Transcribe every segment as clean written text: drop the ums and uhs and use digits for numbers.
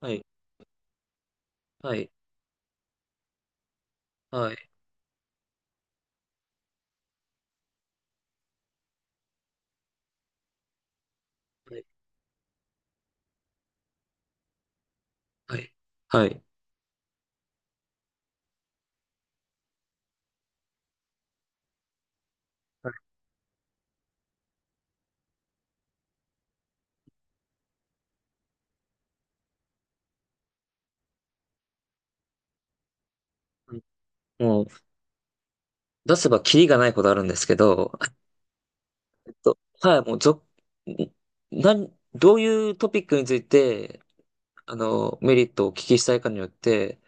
はい、はい、はい、はい、はい、はい。はい、もう、出せばキリがないことあるんですけど、あと、はい、もう、ぞ、なん、どういうトピックについて、メリットをお聞きしたいかによって、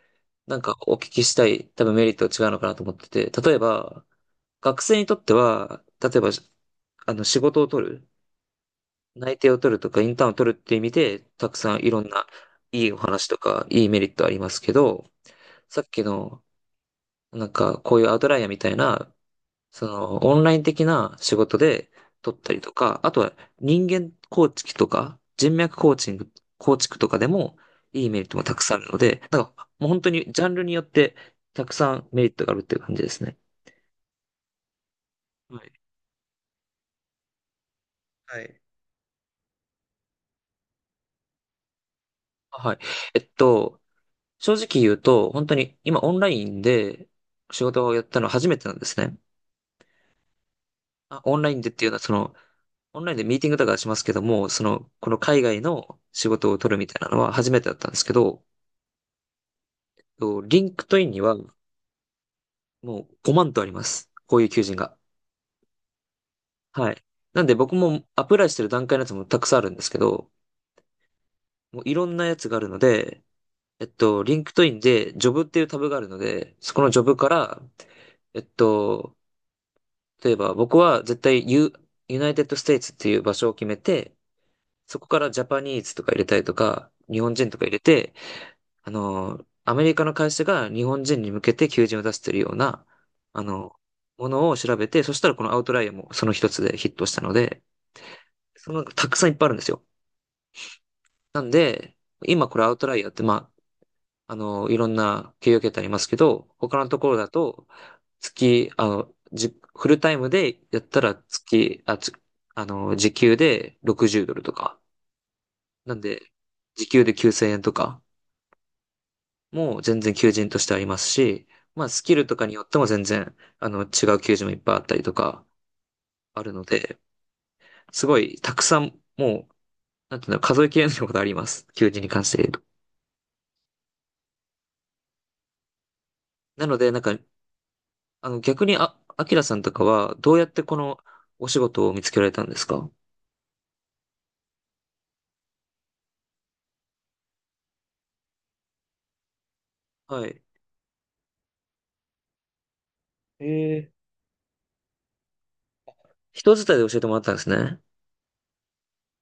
なんかお聞きしたい、多分メリットが違うのかなと思ってて。例えば、学生にとっては、例えば、仕事を取る、内定を取るとか、インターンを取るっていう意味で、たくさんいろんな、いいお話とか、いいメリットありますけど、さっきの、なんか、こういうアウトライヤーみたいな、その、オンライン的な仕事で取ったりとか、あとは人間構築とか、人脈コーチング、構築とかでも、いいメリットもたくさんあるので、なんか、もう本当にジャンルによって、たくさんメリットがあるっていう感じですね。はい。はい。はい。えっと、正直言うと、本当に今オンラインで仕事をやったのは初めてなんですね。あ、オンラインでっていうのはそのオンラインでミーティングとかしますけども、その、この海外の仕事を取るみたいなのは初めてだったんですけど、とリンクトインにはもう5万とあります。こういう求人が。はい。なんで僕もアプライしてる段階のやつもたくさんあるんですけど、もういろんなやつがあるので、リンクトインでジョブっていうタブがあるので、そこのジョブから、えっと、例えば僕は絶対ユナイテッドステイツっていう場所を決めて、そこからジャパニーズとか入れたりとか、日本人とか入れて、アメリカの会社が日本人に向けて求人を出しているような、あの、ものを調べて、そしたらこのアウトライアーもその一つでヒットしたので、その、たくさんいっぱいあるんですよ。なんで、今これアウトライアーって、まあ、いろんな企業形態ありますけど、他のところだと、月、あの、じ、フルタイムでやったら月、あ、つ、あの、時給で60ドルとか。なんで、時給で9000円とか。もう全然求人としてありますし、まあスキルとかによっても全然、違う求人もいっぱいあったりとかあるので、すごいたくさん、もう、なんていうの、数えきれないことあります。求人に関して言うと。なので、なんか、逆に、あ、アキラさんとかは、どうやってこのお仕事を見つけられたんですか？はい。ええ、人伝いで教えてもらったんですね。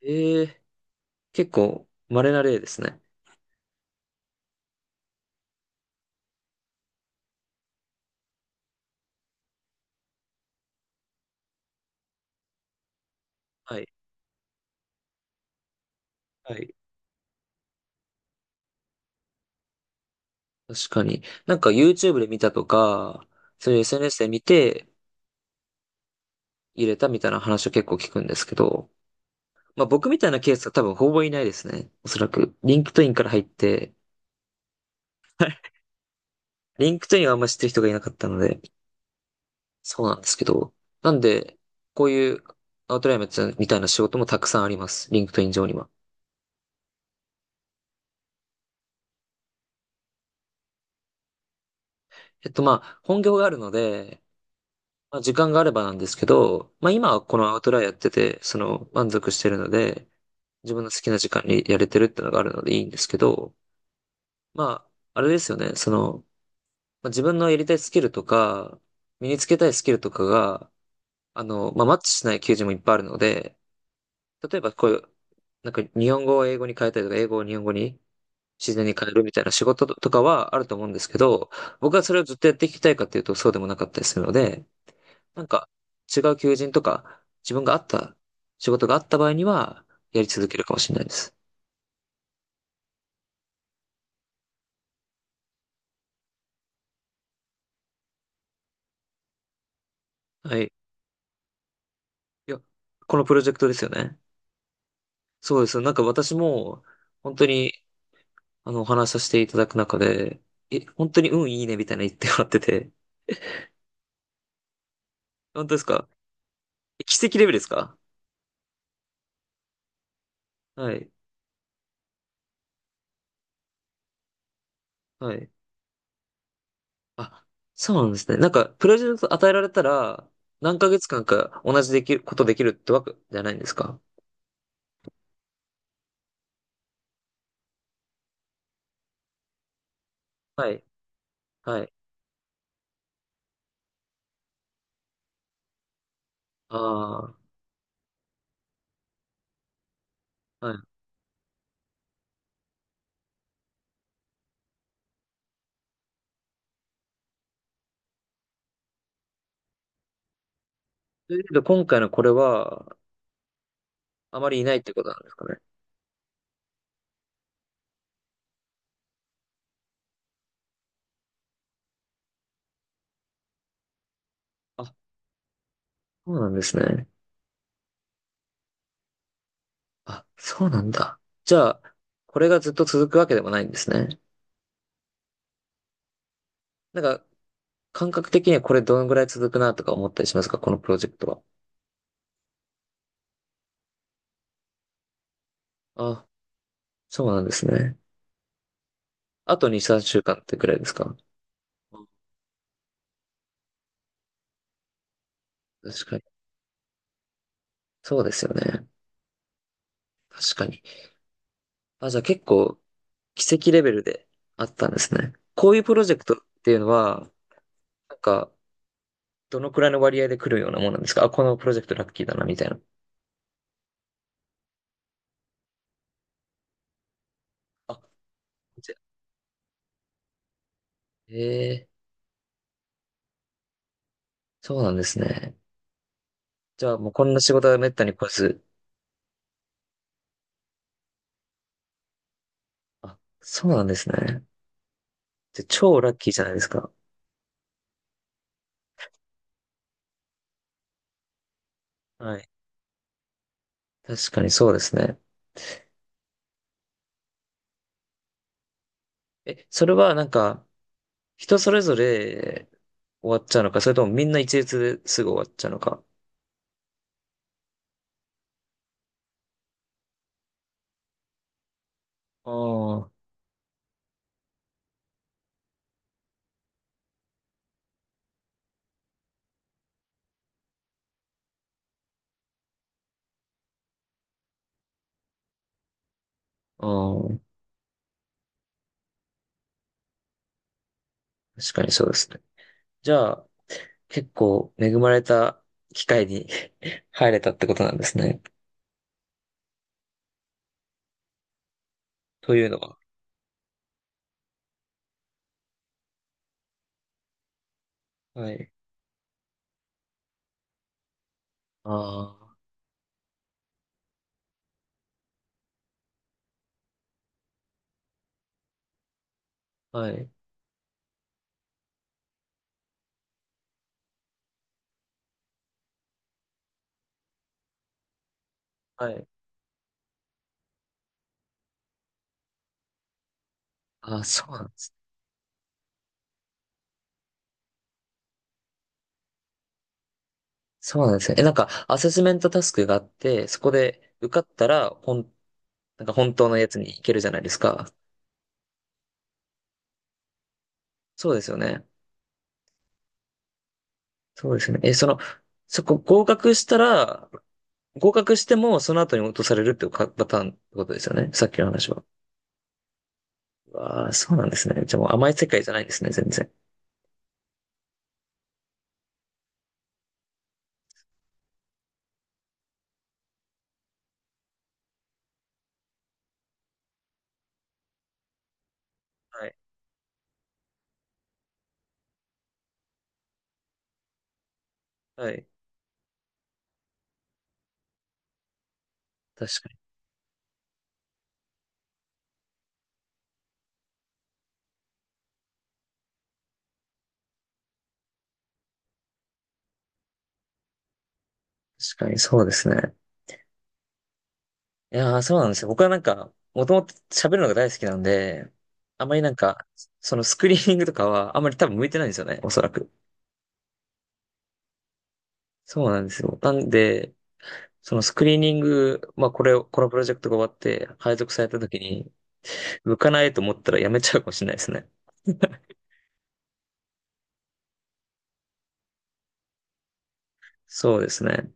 ええ、結構、稀な例ですね。はい。はい。確かに。なんか YouTube で見たとか、そういう SNS で見て、入れたみたいな話を結構聞くんですけど、まあ僕みたいなケースが多分ほぼいないですね。おそらく。リンクトインから入って、リンクトインはあんま知ってる人がいなかったので、そうなんですけど。なんで、こういうアウトラインみたいな仕事もたくさんあります。リンクトイン上には。まあ、本業があるので、まあ、時間があればなんですけど、まあ今はこのアウトラインやってて、その満足してるので、自分の好きな時間にやれてるってのがあるのでいいんですけど、まあ、あれですよね。その、まあ自分のやりたいスキルとか、身につけたいスキルとかが、まあ、マッチしない求人もいっぱいあるので、例えばこういう、なんか日本語を英語に変えたりとか、英語を日本語に自然に変えるみたいな仕事とかはあると思うんですけど、僕はそれをずっとやっていきたいかっていうとそうでもなかったりするので、なんか違う求人とか、自分があった仕事があった場合には、やり続けるかもしれないです。はい。いや、このプロジェクトですよね。そうです。なんか私も、本当にお話しさせていただく中で、え、本当に運いいねみたいな言ってもらってて。本当ですか？え、奇跡レベルですか？はい。はい。あ、そうなんですね。なんか、プロジェクト与えられたら、何ヶ月間か同じできる、ことできるってわけじゃないんですか？はい。はい。ああ、はい。ということで、今回のこれは、あまりいないってことなんですかね。あ、そうなんですね。あ、そうなんだ。じゃあ、これがずっと続くわけでもないんですね。なんか、感覚的にはこれどのぐらい続くなとか思ったりしますか？このプロジェクトは。あ、そうなんですね。あと2、3週間ってぐらいですか？うん、確かに。そうですよね。確かに。あ、じゃあ結構奇跡レベルであったんですね。こういうプロジェクトっていうのは、なんか、どのくらいの割合で来るようなもんなんですか？あ、このプロジェクトラッキーだな、みたいな。あ、じゃあ、ええ、そうなんですね。じゃあもうこんな仕事はめったに来ず。あ、そうなんですね。じゃあ超ラッキーじゃないですか。はい。確かにそうですね。え、それはなんか、人それぞれ終わっちゃうのか、それともみんな一律ですぐ終わっちゃうのか。ああ、うん、確かにそうですね。じゃあ、結構恵まれた機会に 入れたってことなんですね。というのは。はい。ああ、はい。はい。ああ、そうなんです。そうなんですね。え、なんか、アセスメントタスクがあって、そこで受かったら、なんか本当のやつに行けるじゃないですか。そうですよね。そうですよね。え、その、そこ合格しても、その後に落とされるっていうかパターンってことですよね。さっきの話は。わあ、そうなんですね。じゃあもう甘い世界じゃないですね、全然。はい。はい。確かに。確かに、そうですね。いやー、そうなんですよ。僕はなんか、もともと喋るのが大好きなんで、あまりなんか、そのスクリーニングとかは、あまり多分向いてないんですよね、おそらく。そうなんですよ。なんで、そのスクリーニング、まあこれを、このプロジェクトが終わって配属された時に、向かないと思ったらやめちゃうかもしれないですね。そうですね。